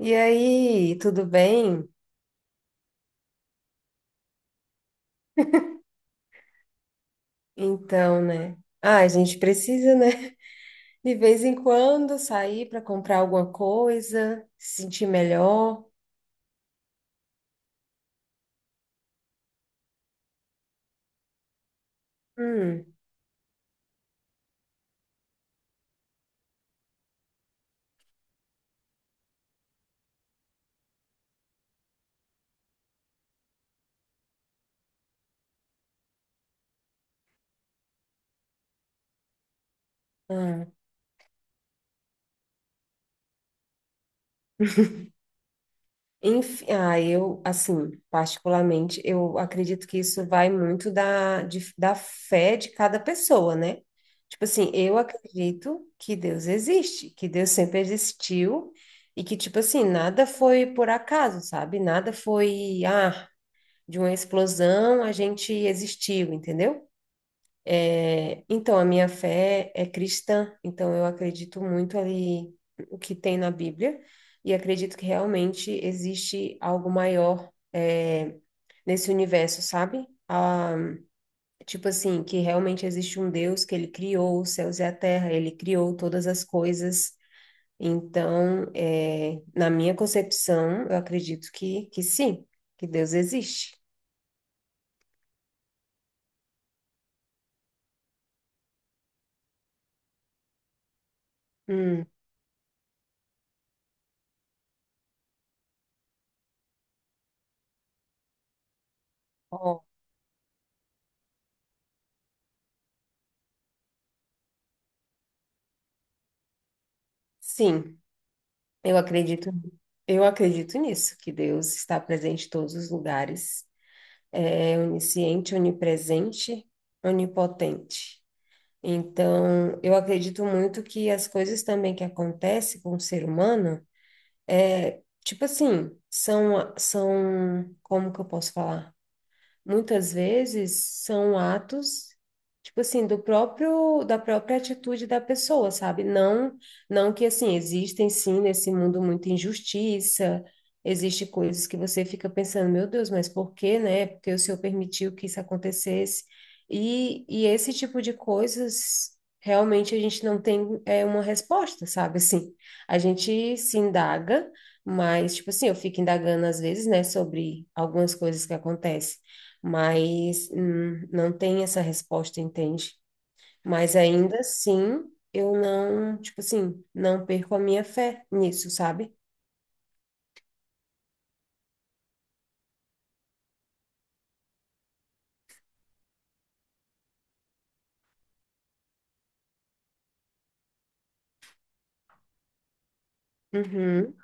E aí, tudo bem? Então, né? Ah, a gente precisa, né? De vez em quando sair para comprar alguma coisa, se sentir melhor. Hum, ah, enfim, eu, assim, particularmente, eu acredito que isso vai muito da, da fé de cada pessoa, né? Tipo assim, eu acredito que Deus existe, que Deus sempre existiu e que, tipo assim, nada foi por acaso, sabe? Nada foi, ah, de uma explosão, a gente existiu, entendeu? É, então, a minha fé é cristã, então eu acredito muito ali o que tem na Bíblia e acredito que realmente existe algo maior, é, nesse universo, sabe? Ah, tipo assim, que realmente existe um Deus que ele criou os céus e a terra, ele criou todas as coisas. Então, é, na minha concepção, eu acredito que sim, que Deus existe. Hum. Sim, eu acredito, eu acredito nisso, que Deus está presente em todos os lugares, é onisciente, onipresente, onipotente. Então, eu acredito muito que as coisas também que acontecem com o ser humano é, tipo assim, são, como que eu posso falar? Muitas vezes são atos, tipo assim, do próprio da própria atitude da pessoa, sabe? Não, não que assim existem sim nesse mundo muita injustiça, existe coisas que você fica pensando, meu Deus, mas por quê, né? Porque o Senhor permitiu que isso acontecesse. E esse tipo de coisas realmente a gente não tem é, uma resposta, sabe? Assim, a gente se indaga, mas, tipo assim, eu fico indagando às vezes, né, sobre algumas coisas que acontecem, mas não tem essa resposta, entende? Mas ainda assim, eu não, tipo assim, não perco a minha fé nisso, sabe? Uhum,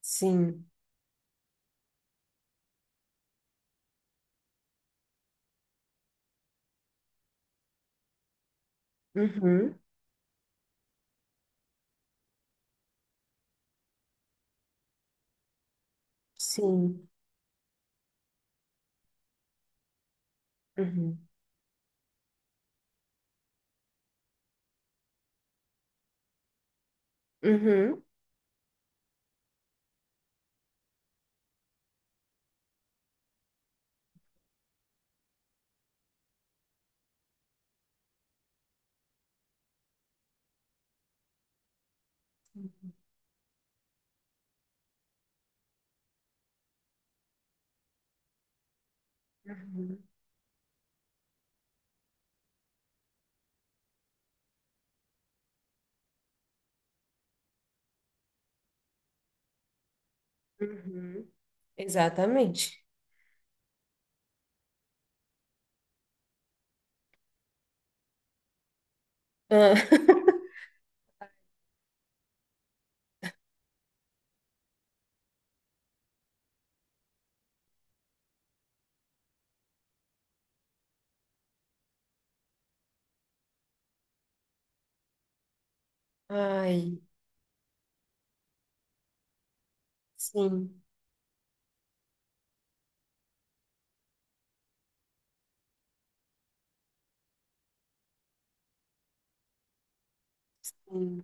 sim, uhum, sim, uhum, uhum, uhum, uhum, exatamente. Ah, ai, sim, sim,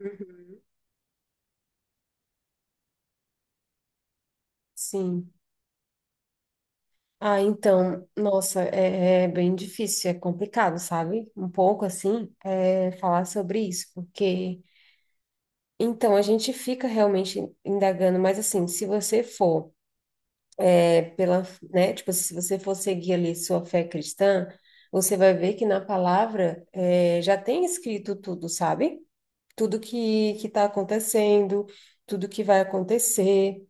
uhum, sim. Ah, então, nossa, é, é bem difícil, é complicado, sabe? Um pouco assim, é, falar sobre isso, porque então, a gente fica realmente indagando, mas assim, se você for é, pela, né, tipo assim, se você for seguir ali sua fé cristã, você vai ver que na palavra é, já tem escrito tudo, sabe? Tudo que está acontecendo, tudo que vai acontecer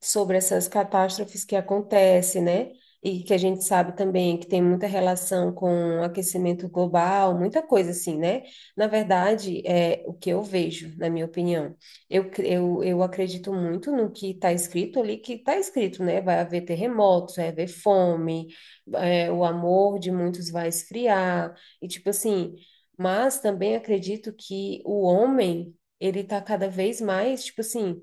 sobre essas catástrofes que acontecem, né? E que a gente sabe também que tem muita relação com aquecimento global, muita coisa assim, né? Na verdade, é o que eu vejo, na minha opinião. Eu acredito muito no que está escrito ali, que está escrito, né? Vai haver terremotos, vai haver fome, é, o amor de muitos vai esfriar, e tipo assim. Mas também acredito que o homem, ele está cada vez mais, tipo assim,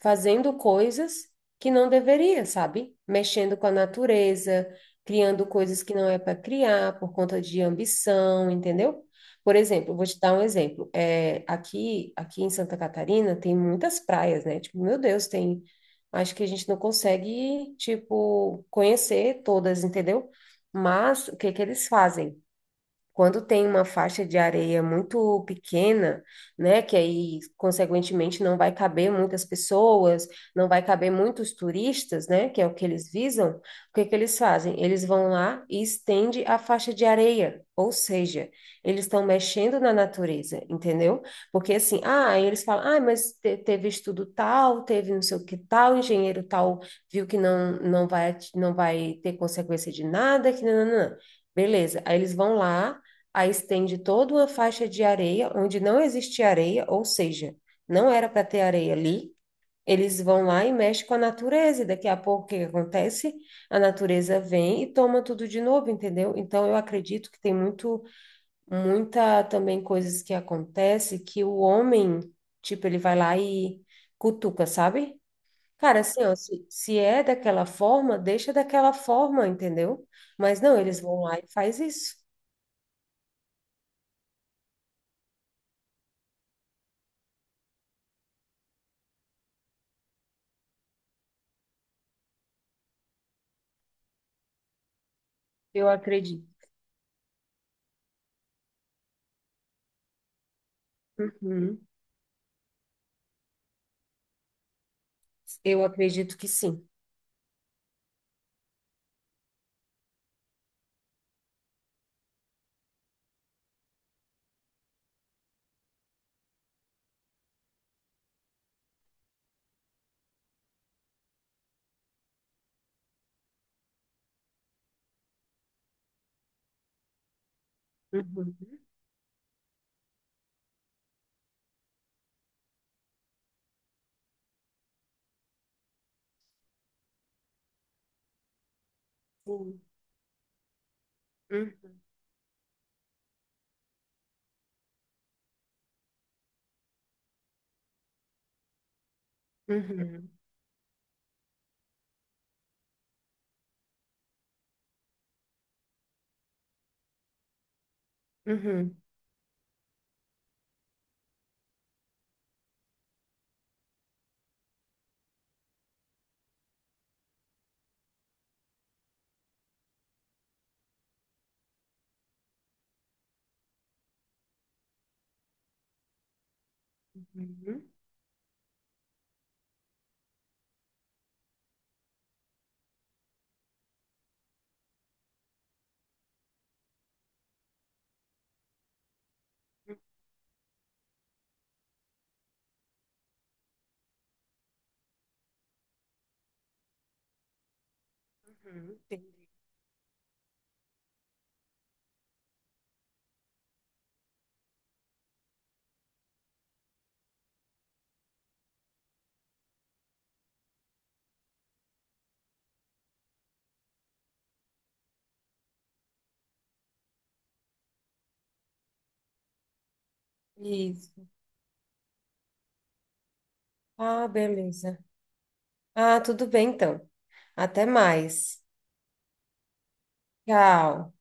fazendo coisas que não deveria, sabe? Mexendo com a natureza, criando coisas que não é para criar por conta de ambição, entendeu? Por exemplo, vou te dar um exemplo. É, aqui em Santa Catarina tem muitas praias, né? Tipo, meu Deus, tem. Acho que a gente não consegue, tipo, conhecer todas, entendeu? Mas o que que eles fazem? Quando tem uma faixa de areia muito pequena, né, que aí, consequentemente, não vai caber muitas pessoas, não vai caber muitos turistas, né, que é o que eles visam, o que é que eles fazem? Eles vão lá e estende a faixa de areia, ou seja, eles estão mexendo na natureza, entendeu? Porque assim, ah, aí eles falam, ah, mas teve estudo tal, teve não sei o que tal, engenheiro tal viu que não, não vai ter consequência de nada, que não, não, não. Beleza, aí eles vão lá, aí estende toda uma faixa de areia onde não existe areia, ou seja, não era para ter areia ali. Eles vão lá e mexem com a natureza, e daqui a pouco o que que acontece? A natureza vem e toma tudo de novo, entendeu? Então eu acredito que tem muito, muita também coisas que acontece que o homem, tipo, ele vai lá e cutuca, sabe? Cara, assim, ó, se é daquela forma, deixa daquela forma, entendeu? Mas não, eles vão lá e faz isso. Eu acredito. Uhum. Eu acredito que sim. Uhum. Sim. Uhum. Uhum. Uhum. Uhum. Uhum. Entendi. Isso. Ah, beleza. Ah, tudo bem então. Até mais. Tchau.